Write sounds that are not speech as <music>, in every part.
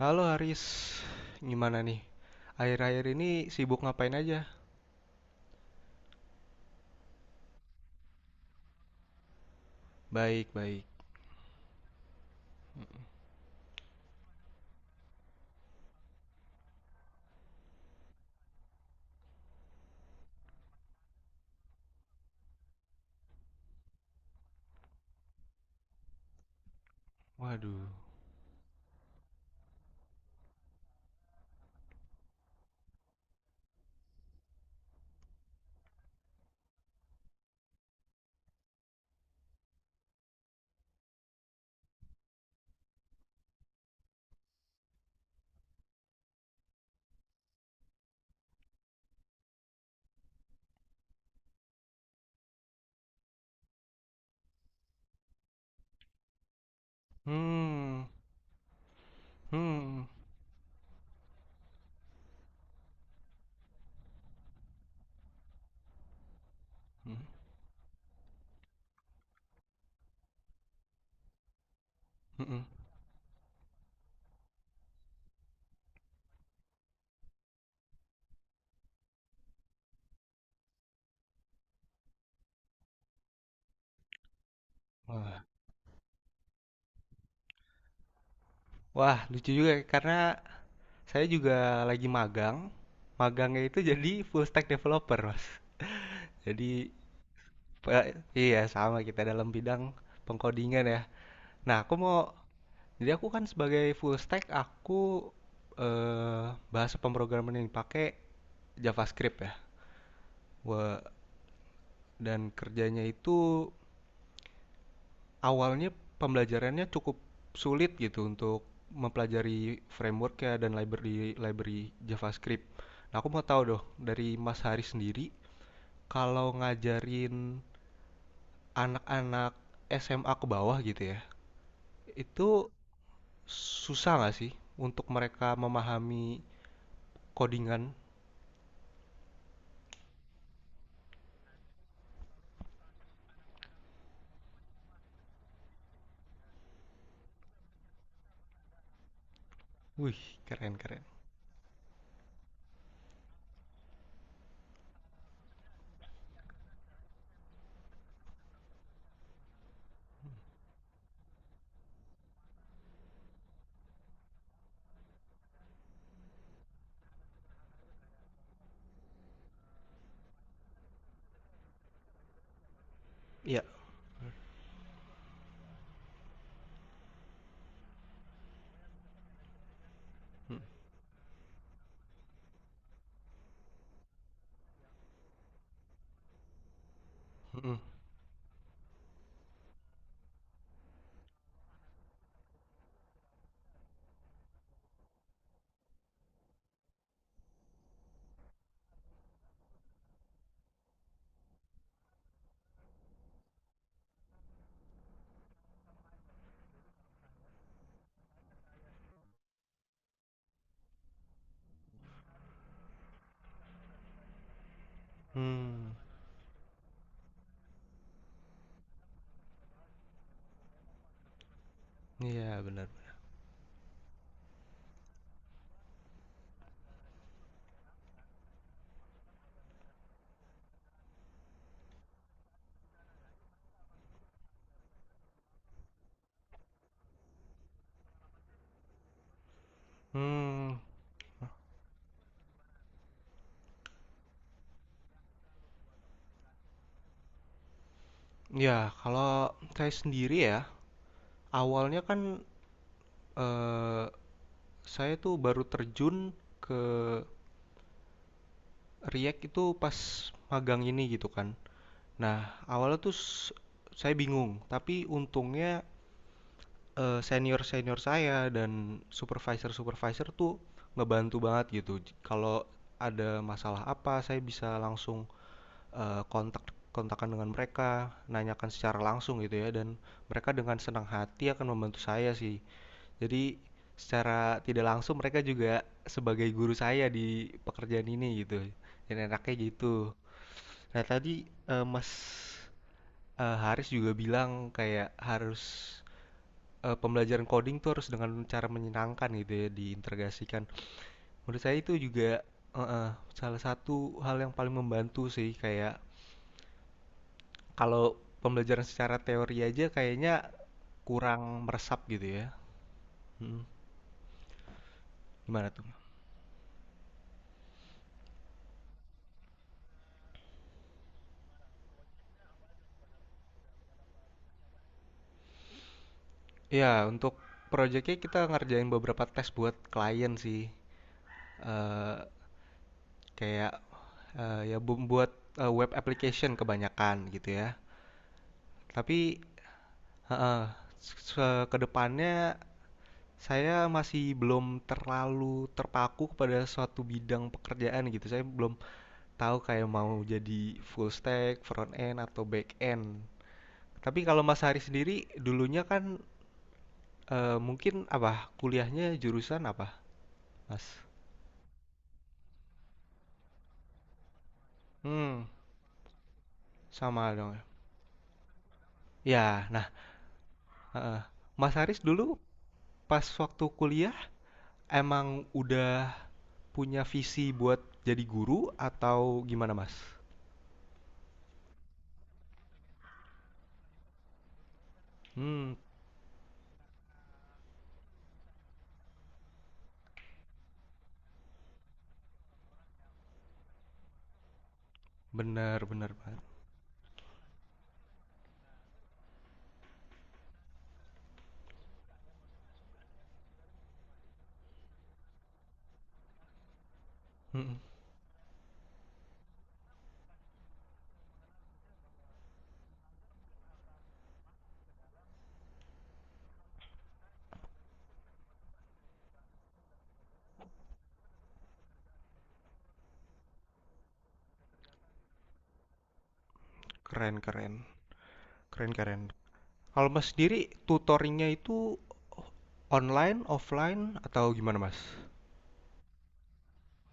Halo Haris, gimana nih? Akhir-akhir ini sibuk ngapain aja? Baik, baik. Waduh. Hmm, hmm, hmm, hmm. hmm. Wah, wah lucu juga ya, karena saya juga lagi magang. Magangnya itu jadi full stack developer, Mas. Jadi pe- iya sama kita dalam bidang pengkodingan ya. Nah, aku mau jadi aku kan sebagai full stack aku eh bahasa pemrograman yang dipakai JavaScript ya. Wah, dan kerjanya itu awalnya pembelajarannya cukup sulit gitu untuk mempelajari framework-nya dan library library JavaScript. Nah, aku mau tahu dong dari Mas Hari sendiri kalau ngajarin anak-anak SMA ke bawah gitu ya, itu susah nggak sih untuk mereka memahami codingan? Wih, keren keren. Iya. Hmm, hmm, hmm. Iya benar. Hmm, ya kalau saya sendiri ya awalnya kan eh, saya tuh baru terjun ke React itu pas magang ini gitu kan. Nah, awalnya tuh saya bingung, tapi untungnya senior-senior saya dan supervisor-supervisor tuh ngebantu banget gitu. Kalau ada masalah apa, saya bisa langsung kontak kontakan dengan mereka, nanyakan secara langsung gitu ya, dan mereka dengan senang hati akan membantu saya sih. Jadi secara tidak langsung mereka juga sebagai guru saya di pekerjaan ini gitu. Dan enaknya gitu. Nah tadi Mas Haris juga bilang kayak harus pembelajaran coding tuh harus dengan cara menyenangkan gitu ya diintegrasikan. Menurut saya itu juga salah satu hal yang paling membantu sih kayak kalau pembelajaran secara teori aja kayaknya kurang meresap gitu ya. Mm. Gimana tuh? Iya, untuk proyeknya kita ngerjain beberapa tes buat klien sih. Eh kayak ya buat web application kebanyakan gitu ya. Tapi heeh, ke depannya saya masih belum terlalu terpaku kepada suatu bidang pekerjaan gitu. Saya belum tahu kayak mau jadi full stack, front end atau back end. Tapi kalau Mas Hari sendiri dulunya kan mungkin apa? Kuliahnya jurusan apa, Mas? Hmm, sama dong ya. Ya, nah, heeh. Mas Haris dulu pas waktu kuliah emang udah punya visi buat jadi guru atau gimana, Mas? Hmm, benar benar banget. Mhm. Keren keren. Keren keren. Kalau Mas sendiri tutoringnya itu online, offline atau gimana, Mas?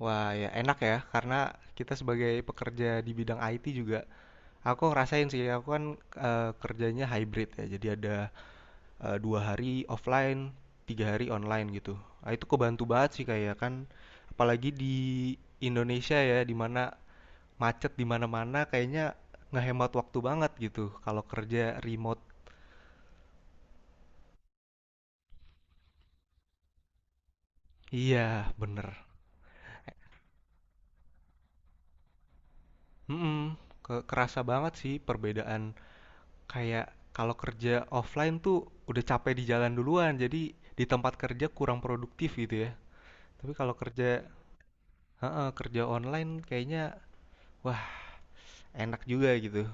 Wah, ya enak ya, karena kita sebagai pekerja di bidang IT juga, aku ngerasain sih, aku kan kerjanya hybrid ya, jadi ada 2 hari offline, 3 hari online gitu. Nah, itu kebantu banget sih kayak kan, apalagi di Indonesia ya, di mana macet di mana-mana, kayaknya ngehemat waktu banget gitu kalau kerja remote. Iya, bener. Mm-mm. Kerasa banget sih perbedaan kayak kalau kerja offline tuh udah capek di jalan duluan, jadi di tempat kerja kurang produktif gitu ya. Tapi kalau kerja, heeh, kerja online kayaknya wah enak juga gitu.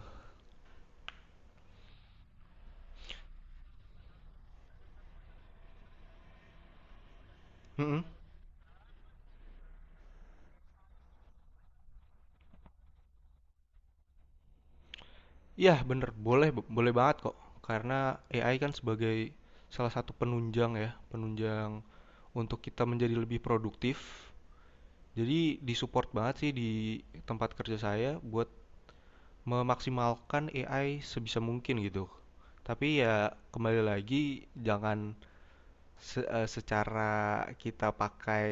Iya bener, boleh boleh banget kok. Karena AI kan sebagai salah satu penunjang ya, penunjang untuk kita menjadi lebih produktif. Jadi disupport banget sih di tempat kerja saya buat memaksimalkan AI sebisa mungkin gitu. Tapi ya kembali lagi jangan secara kita pakai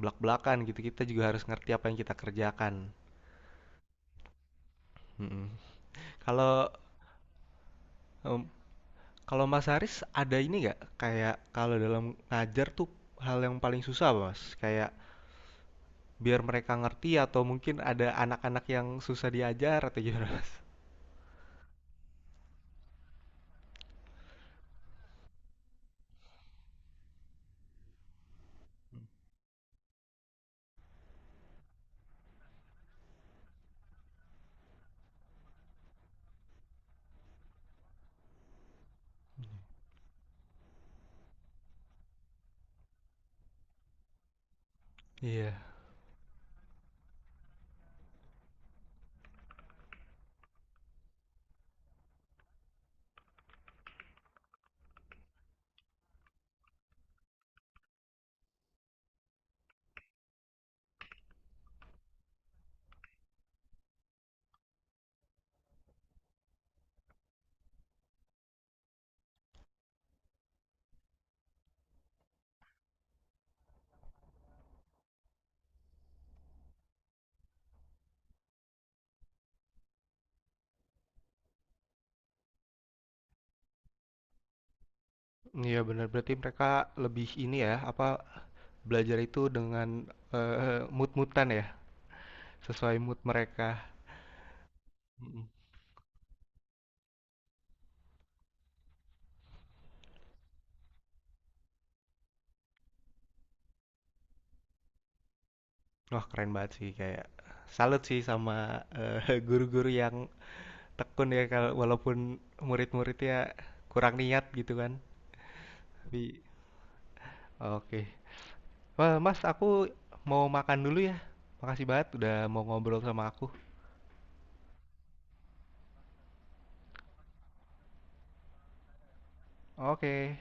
belak-belakan gitu. Kita juga harus ngerti apa yang kita kerjakan. Mm-mm. Kalau Kalau Mas Haris ada ini nggak kayak kalau dalam ngajar tuh hal yang paling susah Mas? Kayak biar mereka ngerti atau mungkin ada anak-anak yang susah diajar atau gimana Mas? Iya, iya benar. Berarti mereka lebih ini ya, apa belajar itu dengan mood-moodan ya, sesuai mood mereka. Mm-mm. Wah keren banget sih kayak salut sih sama <laughs> guru-guru yang tekun ya kalau walaupun murid-muridnya kurang niat gitu kan. Tapi oke. Wah, Mas, aku mau makan dulu ya. Makasih banget udah mau ngobrol sama aku. Oke.